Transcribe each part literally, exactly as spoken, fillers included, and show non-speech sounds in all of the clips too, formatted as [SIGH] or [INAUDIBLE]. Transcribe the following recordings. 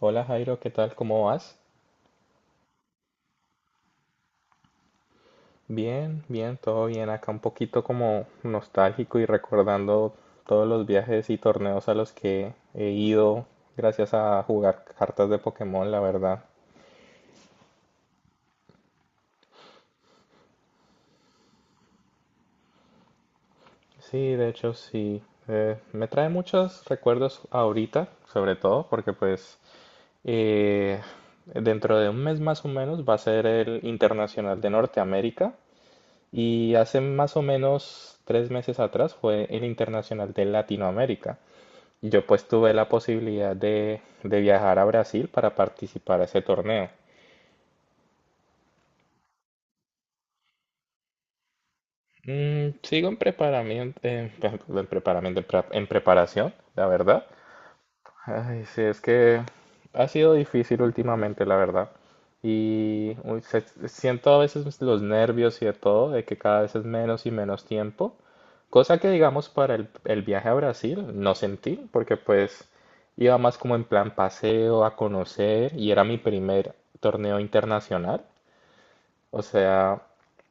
Hola Jairo, ¿qué tal? ¿Cómo vas? Bien, bien, todo bien. Acá un poquito como nostálgico y recordando todos los viajes y torneos a los que he ido gracias a jugar cartas de Pokémon, la verdad. Sí, de hecho sí. Eh, me trae muchos recuerdos ahorita, sobre todo porque pues eh, dentro de un mes más o menos va a ser el Internacional de Norteamérica y hace más o menos tres meses atrás fue el Internacional de Latinoamérica. Yo pues tuve la posibilidad de, de viajar a Brasil para participar a ese torneo. Mm, sigo en preparamiento, en, [LAUGHS] en preparamiento, en pre- en preparación, la verdad. Ay, sí, es que ha sido difícil últimamente, la verdad. Y uy, se- siento a veces los nervios y de todo, de que cada vez es menos y menos tiempo. Cosa que, digamos, para el, el viaje a Brasil no sentí, porque pues iba más como en plan paseo, a conocer, y era mi primer torneo internacional. O sea,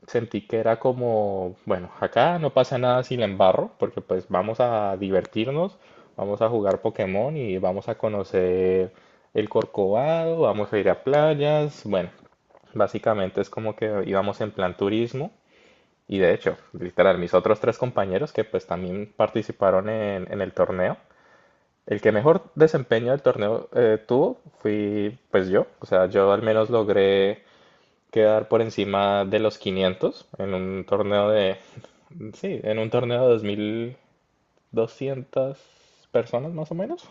sentí que era como, bueno, acá no pasa nada si la embarro, porque pues vamos a divertirnos, vamos a jugar Pokémon y vamos a conocer el Corcovado, vamos a ir a playas, bueno, básicamente es como que íbamos en plan turismo. Y de hecho, literal, mis otros tres compañeros que pues también participaron en, en el torneo, el que mejor desempeño del torneo eh, tuvo fui pues yo. O sea, yo al menos logré quedar por encima de los quinientos en un torneo de, sí, en un torneo de dos mil doscientas personas más o menos.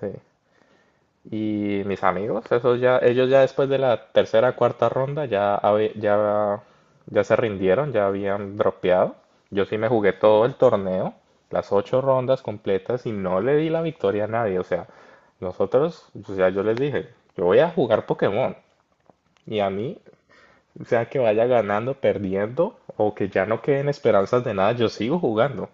Sí. Y mis amigos, esos ya, ellos ya después de la tercera, cuarta ronda ya, habe- ya, ya se rindieron, ya habían dropeado. Yo sí me jugué todo el torneo, las ocho rondas completas y no le di la victoria a nadie. O sea, nosotros, o sea, yo les dije, yo voy a jugar Pokémon y a mí. O sea, que vaya ganando, perdiendo, o que ya no queden esperanzas de nada, yo sigo jugando.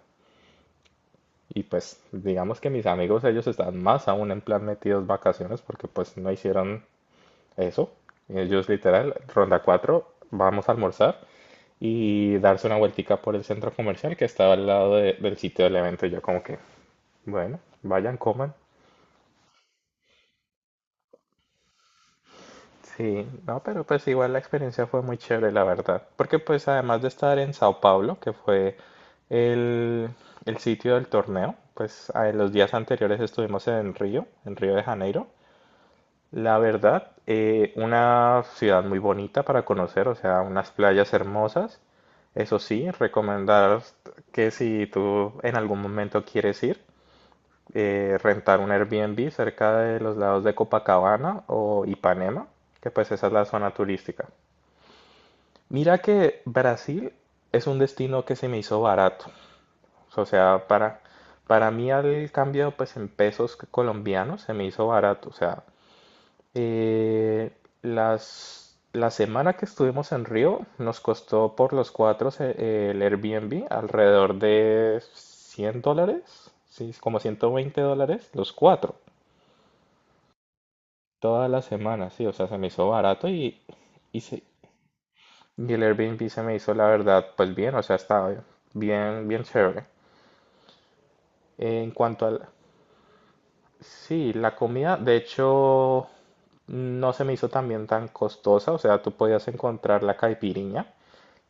Y pues, digamos que mis amigos, ellos están más aún en plan metidos vacaciones porque pues no hicieron eso. Ellos literal, ronda cuatro vamos a almorzar y darse una vueltica por el centro comercial que estaba al lado de- del sitio del evento. Y yo como que, bueno, vayan, coman. Sí, no, pero pues igual la experiencia fue muy chévere, la verdad. Porque pues además de estar en Sao Paulo, que fue el, el sitio del torneo, pues a- los días anteriores estuvimos en Río, en Río de Janeiro. La verdad, eh, una ciudad muy bonita para conocer, o sea, unas playas hermosas. Eso sí, recomendar que si tú en algún momento quieres ir, eh, rentar un Airbnb cerca de los lados de Copacabana o Ipanema, que pues esa es la zona turística. Mira que Brasil es un destino que se me hizo barato. O sea, para, para mí al cambio pues en pesos colombianos se me hizo barato. O sea, eh, las, la semana que estuvimos en Río nos costó por los cuatro se- el Airbnb alrededor de cien dólares, sí, como ciento veinte dólares los cuatro. Toda la semana, sí, o sea, se me hizo barato y, y, se- y el Airbnb se me hizo, la verdad, pues bien, o sea, estaba bien, bien chévere. En cuanto al, sí, la comida, de hecho, no se me hizo también tan costosa, o sea, tú podías encontrar la caipiriña,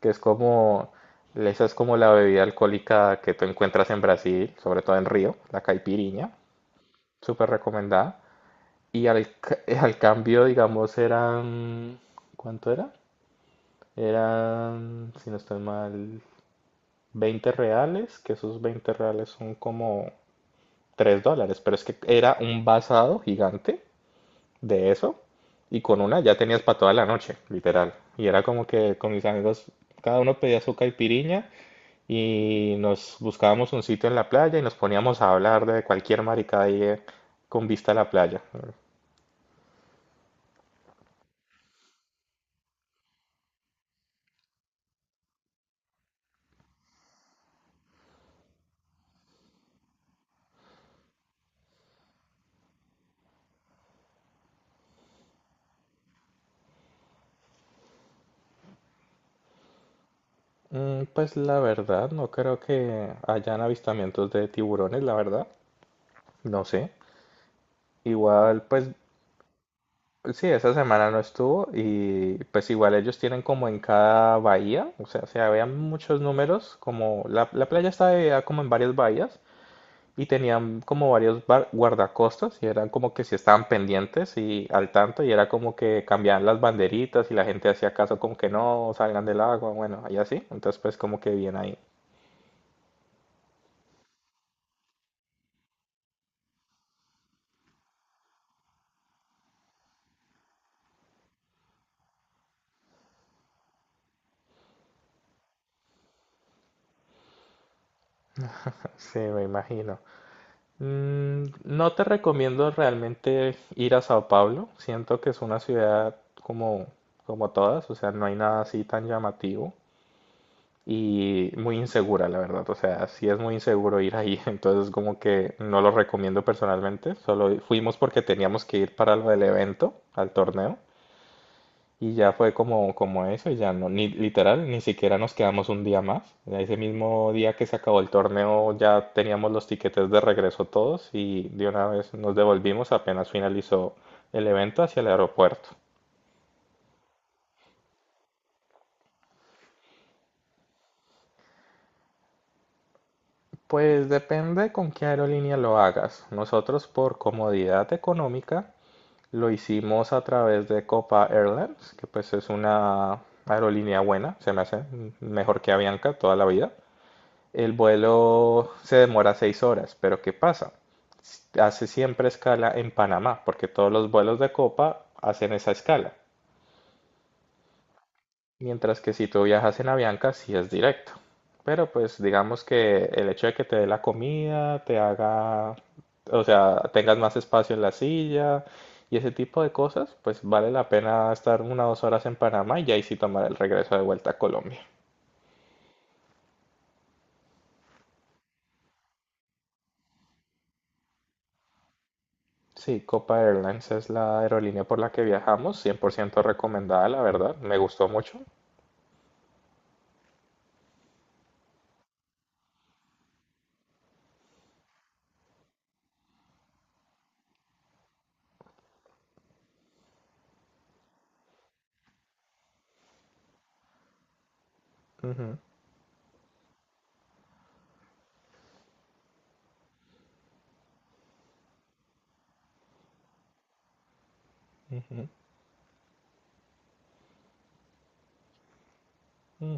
que es como, esa es como la bebida alcohólica que tú encuentras en Brasil, sobre todo en Río, la caipiriña, súper recomendada. Y al, ca- [LAUGHS] al cambio, digamos, eran, ¿cuánto era? Eran, si no estoy mal, veinte reales, que esos veinte reales son como tres dólares, pero es que era un basado gigante de eso y con una ya tenías para toda la noche, literal. Y era como que con mis amigos cada uno pedía su caipiriña y nos buscábamos un sitio en la playa y nos poníamos a hablar de cualquier maricada ahí eh, con vista a la playa. Mm, Pues la verdad, no creo que hayan avistamientos de tiburones, la verdad. No sé. Igual, pues sí, esa semana no estuvo y pues igual ellos tienen como en cada bahía, o sea, se habían muchos números, como la, la playa estaba dividida como en varias bahías y tenían como varios bar- guardacostas y eran como que si estaban pendientes y al tanto y era como que cambiaban las banderitas y la gente hacía caso como que no salgan del agua, bueno, y así, entonces pues como que bien ahí. Sí, me imagino. Mm, no te recomiendo realmente ir a Sao Paulo. Siento que es una ciudad como, como todas, o sea, no hay nada así tan llamativo y muy insegura, la verdad. O sea, sí es muy inseguro ir ahí, [LAUGHS] entonces como que no lo recomiendo personalmente. Solo fuimos porque teníamos que ir para lo del evento, al torneo. Y ya fue como, como eso, y ya no, ni literal, ni siquiera nos quedamos un día más. Ya ese mismo día que se acabó el torneo ya teníamos los tiquetes de regreso todos y de una vez nos devolvimos apenas finalizó el evento hacia el aeropuerto. Pues depende con qué aerolínea lo hagas. Nosotros por comodidad económica lo hicimos a través de Copa Airlines, que pues es una aerolínea buena, se me hace mejor que Avianca toda la vida. El vuelo se demora seis horas, pero ¿qué pasa? S- Hace siempre escala en Panamá, porque todos los vuelos de Copa hacen esa escala. Mientras que si tú viajas en Avianca, sí es directo. Pero pues digamos que el hecho de que te dé la comida, te haga, o sea, tengas más espacio en la silla y ese tipo de cosas, pues vale la pena estar una o dos horas en Panamá y ahí sí tomar el regreso de vuelta a Colombia. Sí, Copa Airlines es la aerolínea por la que viajamos, cien por ciento recomendada, la verdad, me gustó mucho. Ujú, ujú, mm,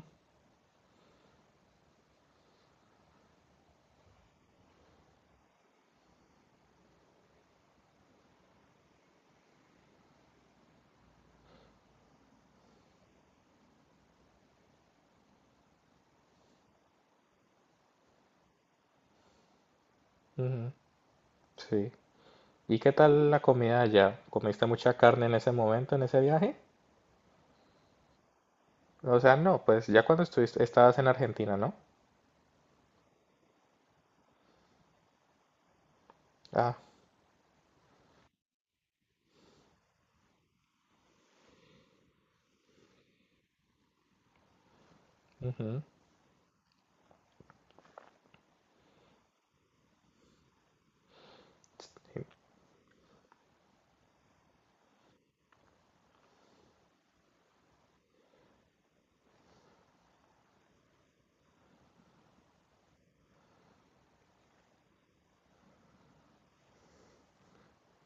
ujú, sí. ¿Y qué tal la comida allá? ¿Comiste mucha carne en ese momento, en ese viaje? O sea, no, pues ya cuando estuviste, estabas en Argentina, ¿no? Ah, ujú,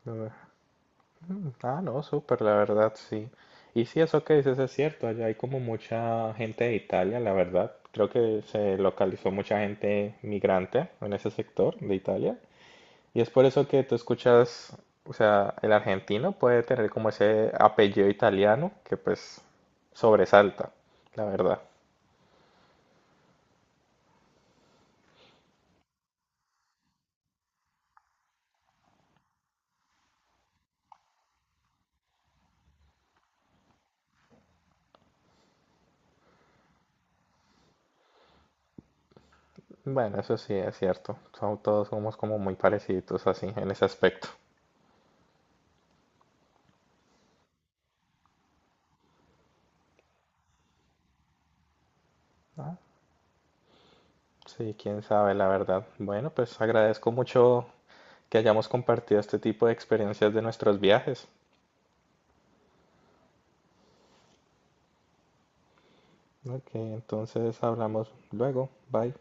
eh, Ah, no, súper, la verdad, sí. Y sí, eso que dices es cierto, allá hay como mucha gente de Italia, la verdad. Creo que se localizó mucha gente migrante en ese sector de Italia. Y es por eso que tú escuchas, o sea, el argentino puede tener como ese apellido italiano que pues sobresalta, la verdad. Bueno, eso sí es cierto. Son- todos somos como muy parecidos así en ese aspecto. Ah, sí, quién sabe, la verdad. Bueno, pues agradezco mucho que hayamos compartido este tipo de experiencias de nuestros viajes. ¿No? Ok, entonces hablamos luego. Bye.